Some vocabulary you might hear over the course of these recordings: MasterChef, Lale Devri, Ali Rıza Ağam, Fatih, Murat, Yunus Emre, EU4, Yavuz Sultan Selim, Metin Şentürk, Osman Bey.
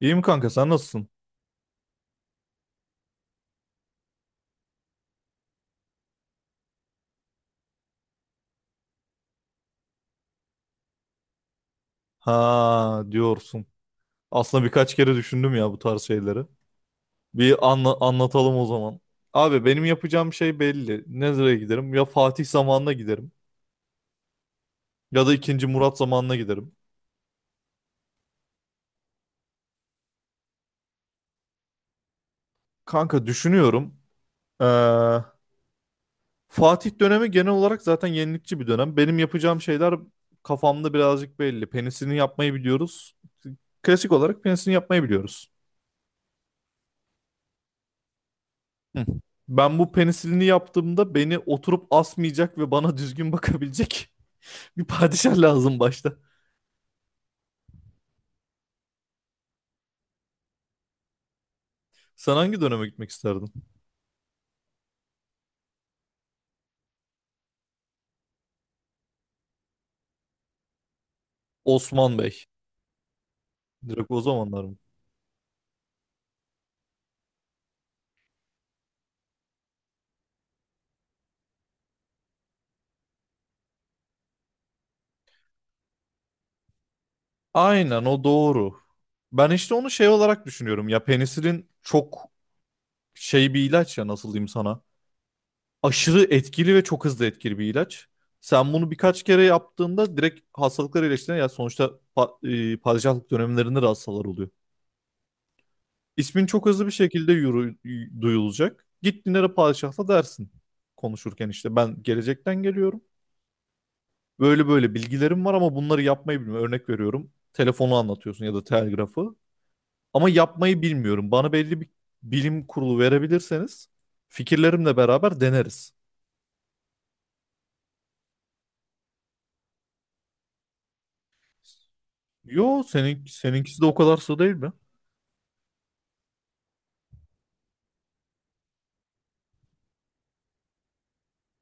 İyi mi kanka sen nasılsın? Ha diyorsun. Aslında birkaç kere düşündüm ya bu tarz şeyleri. Bir anlatalım o zaman. Abi benim yapacağım şey belli. Nereye giderim? Ya Fatih zamanına giderim. Ya da II. Murat zamanına giderim. Kanka düşünüyorum. Ee, Fatih dönemi genel olarak zaten yenilikçi bir dönem. Benim yapacağım şeyler kafamda birazcık belli. Penisini yapmayı biliyoruz. Klasik olarak penisini yapmayı biliyoruz. Hı. Ben bu penisilini yaptığımda beni oturup asmayacak ve bana düzgün bakabilecek bir padişah lazım başta. Sen hangi döneme gitmek isterdin? Osman Bey. Direkt o zamanlar mı? Aynen o doğru. Ben işte onu şey olarak düşünüyorum. Ya penisilin çok şey bir ilaç ya nasıl diyeyim sana. Aşırı etkili ve çok hızlı etkili bir ilaç. Sen bunu birkaç kere yaptığında direkt hastalıklar iyileştiğine ya sonuçta padişahlık dönemlerinde de hastalar oluyor. İsmin çok hızlı bir şekilde duyulacak. Git Dilara Padişah'la dersin konuşurken işte ben gelecekten geliyorum. Böyle böyle bilgilerim var ama bunları yapmayı bilmiyorum. Örnek veriyorum. Telefonu anlatıyorsun ya da telgrafı. Ama yapmayı bilmiyorum. Bana belli bir bilim kurulu verebilirseniz fikirlerimle beraber deneriz. Yo senin seninkisi de o kadar sığ değil mi?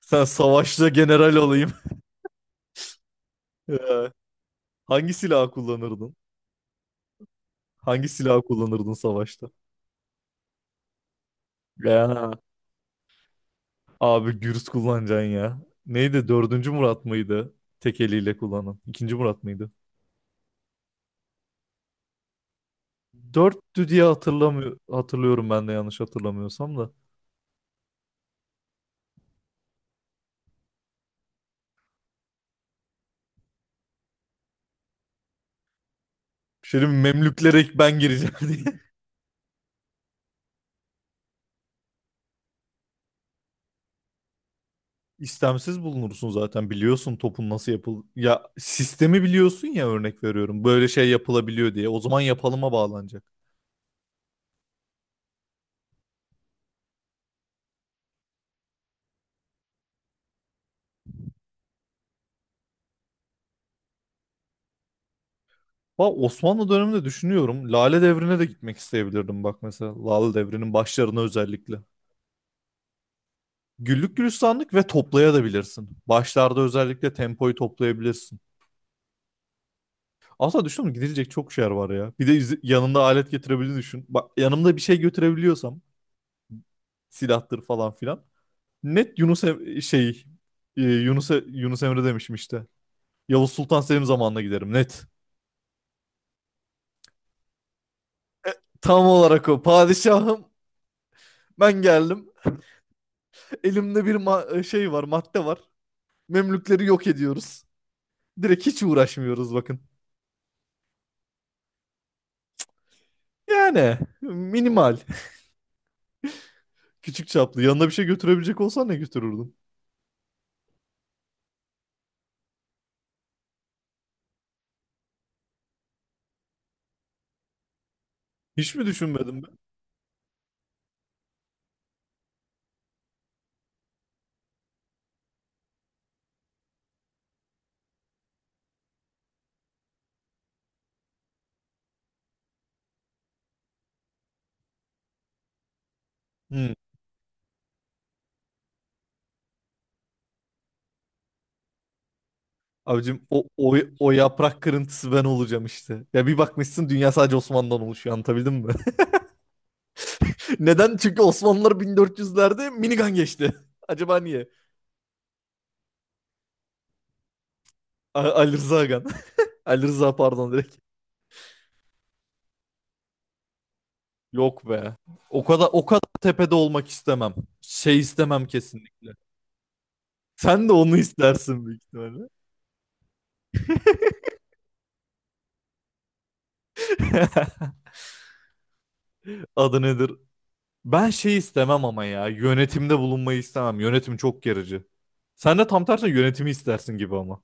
Sen savaşta general olayım. Ee, Hangi silah kullanırdın? Hangi silah kullanırdın savaşta? Ya. Abi gürüz kullanacaksın ya. Neydi? IV. Murat mıydı? Tek eliyle kullanan. II. Murat mıydı? Dörttü diye hatırlamıyor, hatırlıyorum ben de yanlış hatırlamıyorsam da. Şimdi Memlüklere ben gireceğim diye. İstemsiz bulunursun zaten biliyorsun topun nasıl yapıl... Ya sistemi biliyorsun ya örnek veriyorum. Böyle şey yapılabiliyor diye. O zaman yapalıma bağlanacak. Bak Osmanlı döneminde düşünüyorum. Lale Devri'ne de gitmek isteyebilirdim bak mesela. Lale Devri'nin başlarına özellikle. Güllük gülistanlık ve toplayabilirsin. Başlarda özellikle tempoyu toplayabilirsin. Aslında düşündüm gidilecek çok şey var ya. Bir de yanında alet getirebildiğini düşün. Bak yanımda bir şey götürebiliyorsam silahtır falan filan. Net Yunus Em- şey e, Yunus E- Yunus Emre demişim işte. Yavuz Sultan Selim zamanına giderim net. E, Tam olarak o. Padişahım ben geldim. Elimde bir şey var, madde var. Memlükleri yok ediyoruz. Direkt hiç uğraşmıyoruz bakın. Yani minimal. Küçük çaplı. Yanına bir şey götürebilecek olsan ne götürürdün? Hiç mi düşünmedim ben? Hmm. Abicim o yaprak kırıntısı ben olacağım işte. Ya bir bakmışsın dünya sadece Osmanlı'dan oluşuyor anlatabildim mi? Neden? Çünkü Osmanlılar 1400'lerde minigun geçti. Acaba niye? Ali Rıza Ağam. Ali Rıza pardon direkt. Yok be. O kadar o kadar tepede olmak istemem. Şey istemem kesinlikle. Sen de onu istersin büyük ihtimalle. Adı nedir? Ben şey istemem ama ya. Yönetimde bulunmayı istemem. Yönetim çok gerici. Sen de tam tersine yönetimi istersin gibi ama.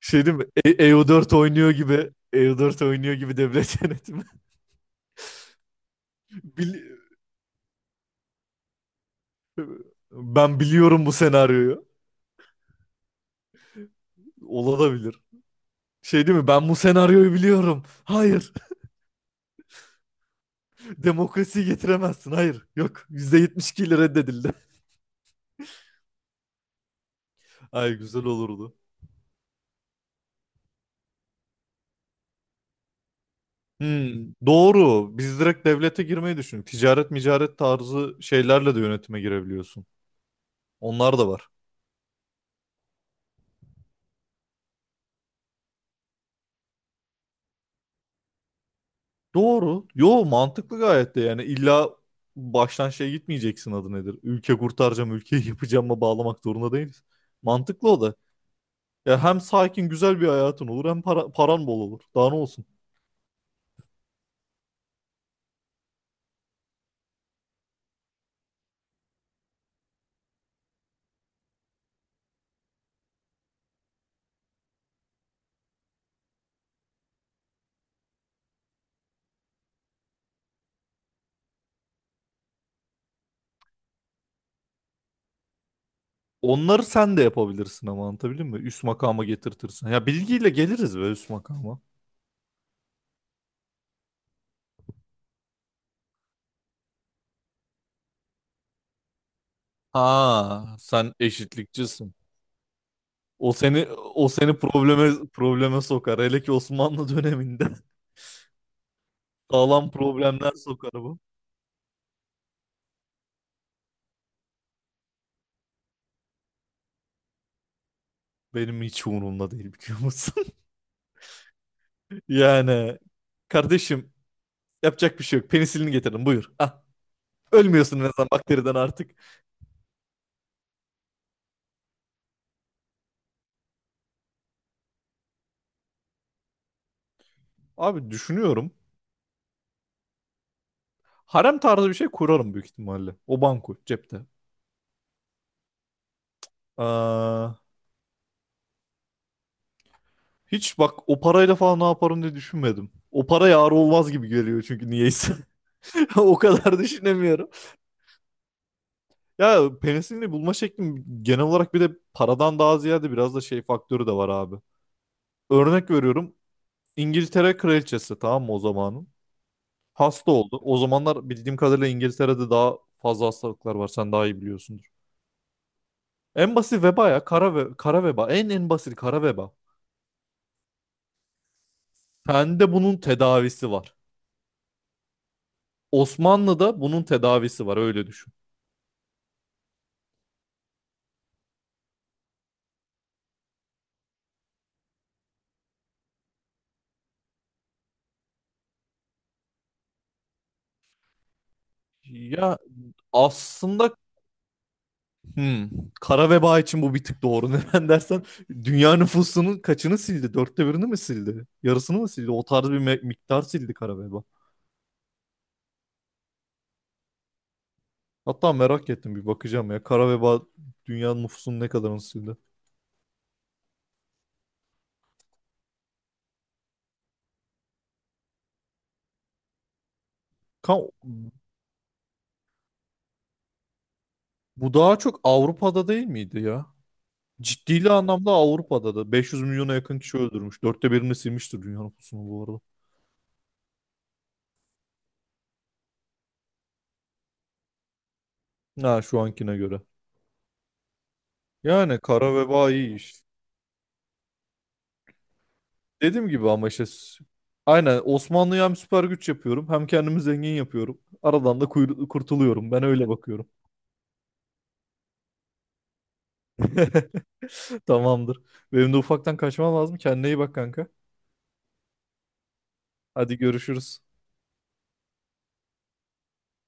Şey değil mi? EU4 oynuyor gibi. EU4 oynuyor gibi devlet yönetimi. Bili- Ben biliyorum bu senaryoyu. Olabilir. Şey değil mi? Ben bu senaryoyu biliyorum. Hayır. Demokrasiyi getiremezsin. Hayır. Yok. %72 ile reddedildi. Ay güzel olurdu. Hmm, doğru. Biz direkt devlete girmeyi düşündük. Ticaret, micaret tarzı şeylerle de yönetime girebiliyorsun. Onlar da var. Doğru. Yo mantıklı gayet de yani illa baştan şey gitmeyeceksin adı nedir? Ülke kurtaracağım, ülkeyi yapacağıma bağlamak zorunda değiliz. Mantıklı o da. Ya hem sakin güzel bir hayatın olur hem para, paran bol olur. Daha ne olsun? Onları sen de yapabilirsin ama anlatabildim mi? Üst makama getirtirsin. Ya bilgiyle geliriz be üst makama. Ha, sen eşitlikçisin. O seni o seni probleme sokar. Hele ki Osmanlı döneminde sağlam problemler sokar bu. Benim hiç umurumda değil biliyor musun? Yani kardeşim yapacak bir şey yok. Penisilini getirdim buyur. Ah, ölmüyorsun en azından bakteriden artık. Abi düşünüyorum. Harem tarzı bir şey kurarım büyük ihtimalle. O banko cepte. Aa, hiç bak o parayla falan ne yaparım diye düşünmedim. O para yar olmaz gibi geliyor çünkü niyeyse. O kadar düşünemiyorum. Ya penisilini bulma şeklim genel olarak bir de paradan daha ziyade biraz da şey faktörü de var abi. Örnek veriyorum. İngiltere kraliçesi tamam mı o zamanın? Hasta oldu. O zamanlar bildiğim kadarıyla İngiltere'de daha fazla hastalıklar var. Sen daha iyi biliyorsundur. En basit veba ya. Kara veba. En basit kara veba. Sende bunun tedavisi var. Osmanlı'da bunun tedavisi var. Öyle düşün. Ya aslında hmm, kara veba için bu bir tık doğru. Neden dersen dünya nüfusunun kaçını sildi? Dörtte birini mi sildi? Yarısını mı sildi? O tarz bir miktar sildi kara veba. Hatta merak ettim bir bakacağım ya. Kara veba dünya nüfusunun ne kadarını sildi? Kan Bu daha çok Avrupa'da değil miydi ya? Ciddi anlamda Avrupa'da da. 500 milyona yakın kişi öldürmüş. Dörtte birini silmiştir dünya nüfusunu bu arada. Ha şu ankine göre. Yani kara veba iyi iş. Dediğim gibi ama işte aynen Osmanlı'ya hem süper güç yapıyorum hem kendimi zengin yapıyorum. Aradan da kurtuluyorum. Ben öyle bakıyorum. Tamamdır. Benim de ufaktan kaçmam lazım. Kendine iyi bak kanka. Hadi görüşürüz.